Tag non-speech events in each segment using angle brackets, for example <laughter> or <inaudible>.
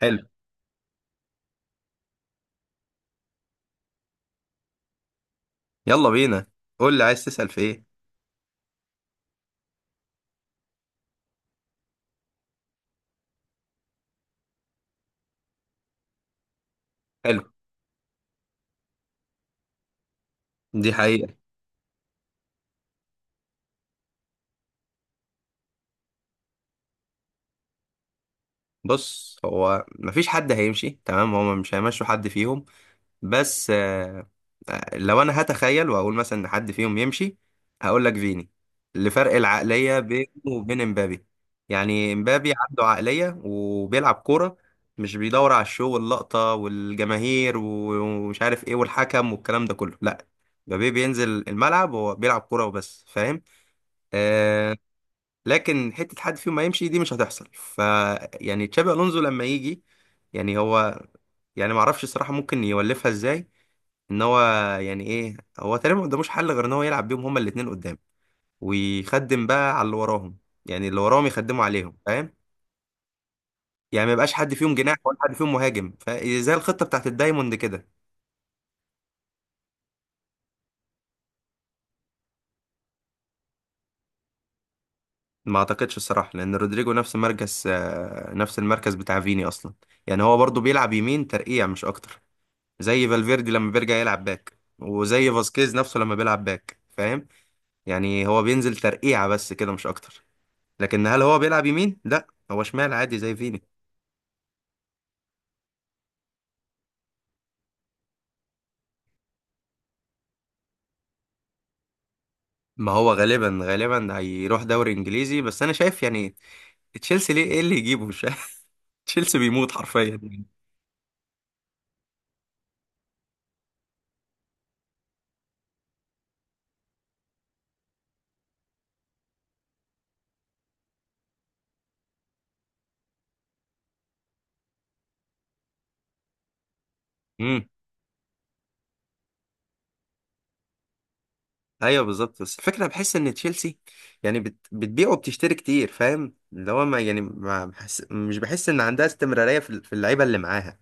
حلو. يلا بينا، قول لي عايز تسأل في ايه. حلو، دي حقيقة. بص، هو مفيش حد هيمشي، تمام؟ هما مش هيمشوا حد فيهم، بس لو انا هتخيل واقول مثلا ان حد فيهم يمشي، هقول لك فيني، لفرق العقلية بينه وبين امبابي. يعني امبابي عنده عقلية وبيلعب كورة، مش بيدور على الشو واللقطة والجماهير ومش عارف ايه والحكم والكلام ده كله، لا. مبابي بينزل الملعب هو بيلعب كورة وبس، فاهم؟ آه، لكن حته حد فيهم ما يمشي دي مش هتحصل. ف يعني تشابي الونزو لما يجي، يعني هو، يعني ما اعرفش الصراحه ممكن يولفها ازاي. ان هو يعني ايه، هو تقريبا ما قداموش حل غير ان هو يلعب بيهم هما الاثنين قدام، ويخدم بقى على اللي وراهم. يعني اللي وراهم يخدموا عليهم، فاهم؟ يعني ما يبقاش حد فيهم جناح ولا حد فيهم مهاجم، فزي الخطه بتاعت الدايموند كده. ما اعتقدش الصراحه، لان رودريجو نفس مركز نفس المركز بتاع فيني اصلا. يعني هو برضو بيلعب يمين ترقيع مش اكتر، زي فالفيردي لما بيرجع يلعب باك، وزي فاسكيز نفسه لما بيلعب باك، فاهم؟ يعني هو بينزل ترقيعة بس كده، مش اكتر. لكن هل هو بيلعب يمين؟ لا، هو شمال عادي زي فيني. ما هو غالبا هيروح دوري انجليزي، بس انا شايف يعني تشيلسي ليه؟ ايه اللي يجيبه؟ مش عارف. <laughs> تشيلسي بيموت حرفيا. امم. ايوه بالظبط، بس الفكره بحس ان تشيلسي يعني بتبيع وبتشتري كتير، فاهم؟ اللي هو ما يعني ما بحس... مش بحس ان عندها استمراريه في في اللعيبه اللي معاها.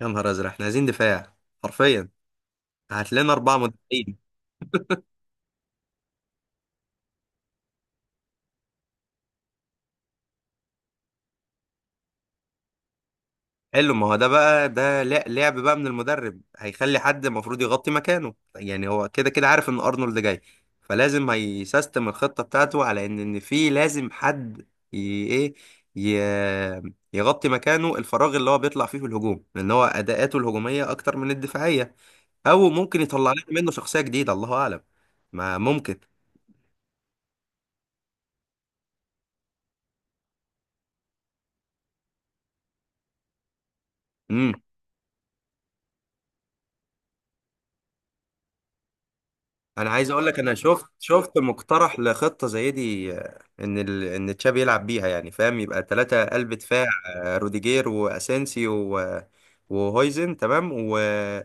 يا نهار ازرق، احنا عايزين دفاع حرفيا، هات لنا اربعه مدافعين. حلو، ما هو ده بقى، ده لعب بقى من المدرب، هيخلي حد المفروض يغطي مكانه. يعني هو كده كده عارف ان ارنولد جاي، فلازم هيسيستم الخطه بتاعته على ان في لازم حد ي... ايه ي... يغطي مكانه، الفراغ اللي هو بيطلع فيه في الهجوم، لان هو اداءاته الهجوميه اكتر من الدفاعيه. او ممكن يطلع لنا منه شخصيه جديده، الله اعلم، ما ممكن. إمم. انا عايز اقول لك، انا شفت مقترح لخطه زي دي، ان ان تشابي يلعب بيها، يعني فاهم؟ يبقى ثلاثه قلب دفاع، روديجير واسينسيو و... وهويزن، تمام،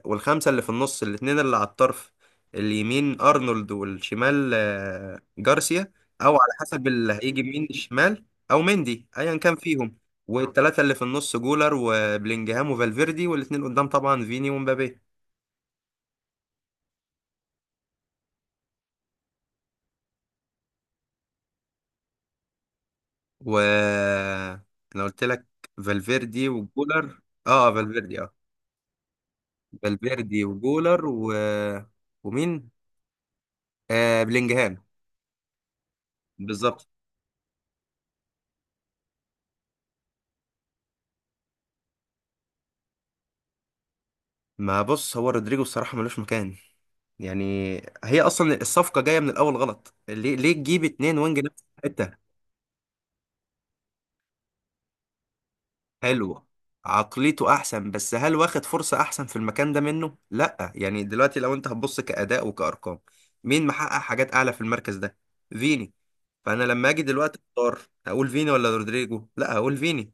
والخمسه اللي في النص، الاثنين اللي على الطرف، اليمين ارنولد والشمال جارسيا، او على حسب اللي هيجي مين الشمال، او مندي، ايا كان فيهم. والثلاثه اللي في النص جولر وبلينجهام وفالفيردي، والاثنين قدام طبعا فيني ومبابي. و انا قلت لك، فالفيردي وجولر. اه، فالفيردي اه. فالفيردي وجولر ومين؟ بلينجهام. بالظبط. ما بص، هو رودريجو الصراحة ملوش مكان، يعني هي اصلا الصفقة جاية من الاول غلط. ليه؟ تجيب اتنين وينج نفس الحتة؟ حلوة، عقليته احسن، بس هل واخد فرصة احسن في المكان ده منه؟ لا، يعني دلوقتي لو انت هتبص كأداء وكأرقام، مين محقق حاجات اعلى في المركز ده؟ فيني. فانا لما اجي دلوقتي اختار، هقول فيني ولا رودريجو؟ لا، هقول فيني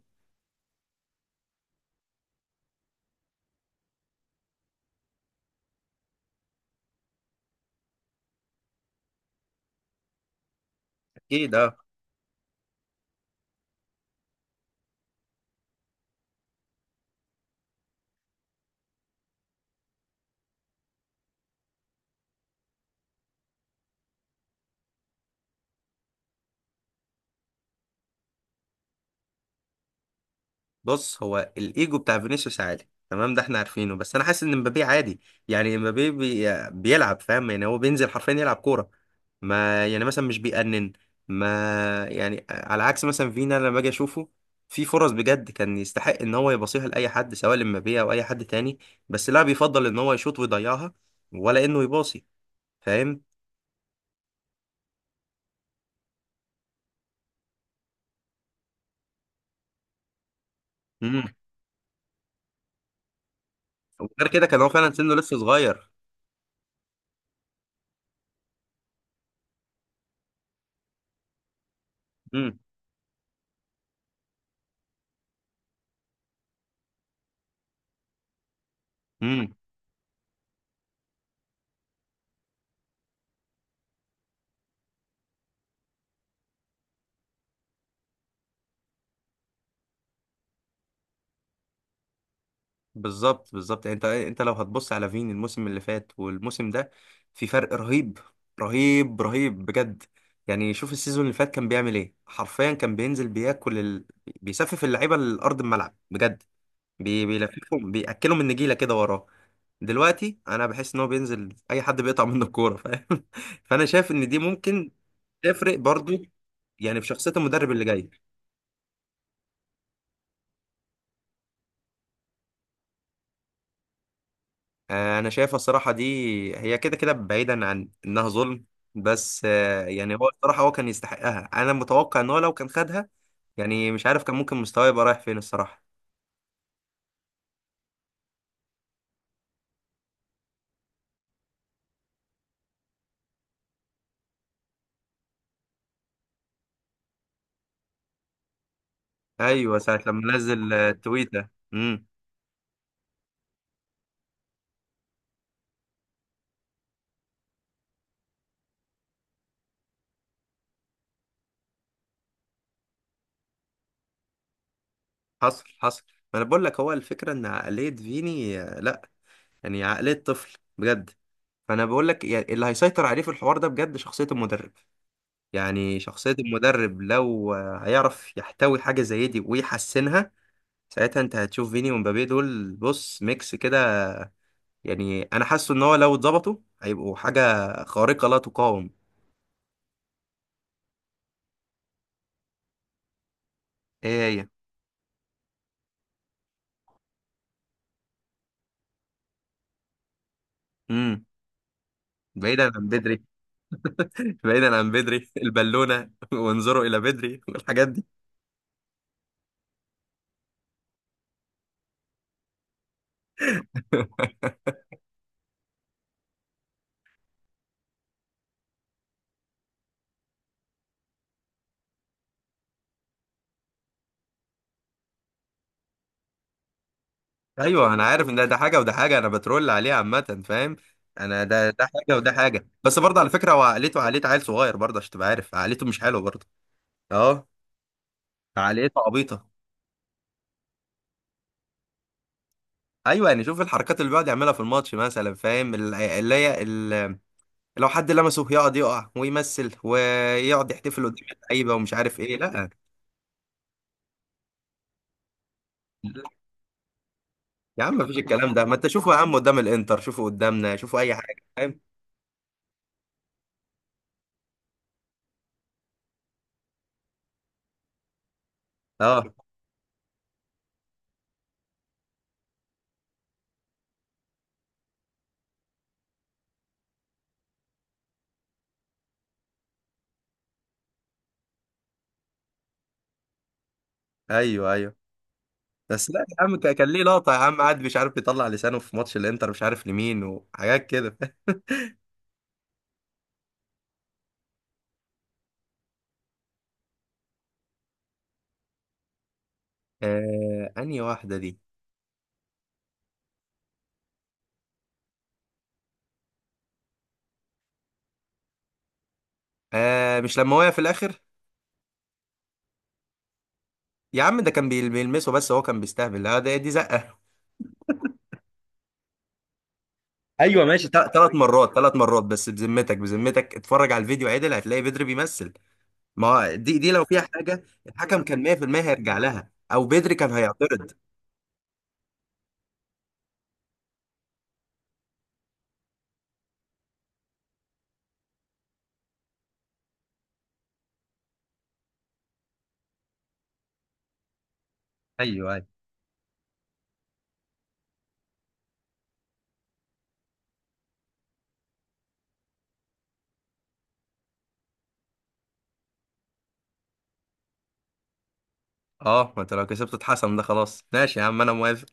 اكيد. آه. بص، هو الايجو بتاع فينيسيوس عالي، تمام، ده احنا عارفينه، بس انا حاسس ان مبابي عادي. يعني مبابي بيلعب، فاهم؟ يعني هو بينزل حرفيا يلعب كوره، ما يعني مثلا مش بيأنن. ما يعني على عكس مثلا فينا، لما باجي اشوفه في فرص بجد كان يستحق ان هو يباصيها لاي حد، سواء لمبابي او اي حد تاني، بس لا، بيفضل ان هو يشوط ويضيعها ولا انه يباصي، فاهم؟ امم. وغير كده كان هو فعلا سنه لسه صغير. امم. بالظبط. يعني انت ايه، انت لو هتبص على فين الموسم اللي فات والموسم ده، في فرق رهيب. رهيب رهيب بجد. يعني شوف السيزون اللي فات كان بيعمل ايه، حرفيا كان بينزل بياكل بيسفف اللعيبه لارض الملعب بجد، بيلففهم، بياكلهم النجيله كده وراه. دلوقتي انا بحس ان هو بينزل اي حد بيقطع منه الكوره، فاهم؟ <laughs> فانا شايف ان دي ممكن تفرق برضو، يعني في شخصيه المدرب اللي جاي. انا شايفها الصراحه دي، هي كده كده بعيدا عن انها ظلم، بس يعني هو الصراحه هو كان يستحقها، انا متوقع ان هو لو كان خدها يعني، مش عارف كان ممكن مستواه يبقى رايح فين الصراحه. ايوه ساعه لما نزل تويته. امم. حصل، حصل. ما انا بقول لك، هو الفكره ان عقليه فيني لا، يعني عقليه طفل بجد. فانا بقول لك يعني اللي هيسيطر عليه في الحوار ده بجد شخصيه المدرب. يعني شخصيه المدرب لو هيعرف يحتوي حاجه زي دي ويحسنها، ساعتها انت هتشوف فيني ومبابي دول بص ميكس كده. يعني انا حاسه ان هو لو اتظبطوا، هيبقوا حاجه خارقه لا تقاوم. ايه هي؟ امم. بعيدا عن بدري. <laughs> بعيدا عن بدري البالونه. <laughs> وانظروا الى بدري والحاجات دي. <laughs> ايوه انا عارف ان ده حاجه وده حاجه، انا بترول عليه عامه فاهم. انا ده حاجه وده حاجه، بس برضه على فكره هو عقليته عقليه عيل صغير برضه، عشان تبقى عارف عقليته مش حلوه برضه. اه. عقليته عبيطه. ايوه، يعني شوف الحركات اللي بيقعد يعملها في الماتش مثلا، فاهم؟ لو حد لمسه يقعد يقع ويمثل، ويقعد يحتفل قدام اللعيبه ومش عارف ايه، لا. يا عم مفيش الكلام ده، ما انت شوفه يا عم قدام الانتر، شوفه قدامنا، شوفه اي حاجه، فاهم؟ اه. ايوه ايوه. بس لا يا عم، كان كان ليه لقطه يا عم، قاعد مش عارف يطلع لسانه في ماتش الانتر مش عارف لمين، وحاجات كده. <laughs> آه، انهي واحده دي؟ آه مش لما وقع في الاخر؟ يا عم ده كان بيلمسه بس هو كان بيستهبل، لا ده دي زقه. ايوه ماشي، ثلاث مرات، ثلاث مرات، بس بذمتك، بذمتك اتفرج على الفيديو عدل هتلاقي بدري بيمثل. ما هو دي لو فيها حاجه الحكم كان 100% هيرجع لها، او بدري كان هيعترض. ايوه ايوه. اه ما انت لو كسبت اتحسن ده، خلاص ماشي يا عم، انا موافق.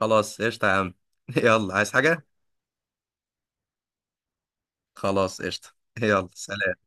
خلاص قشطة يا عم. <laughs> يلا، عايز حاجة؟ خلاص قشطة. يلا سلام.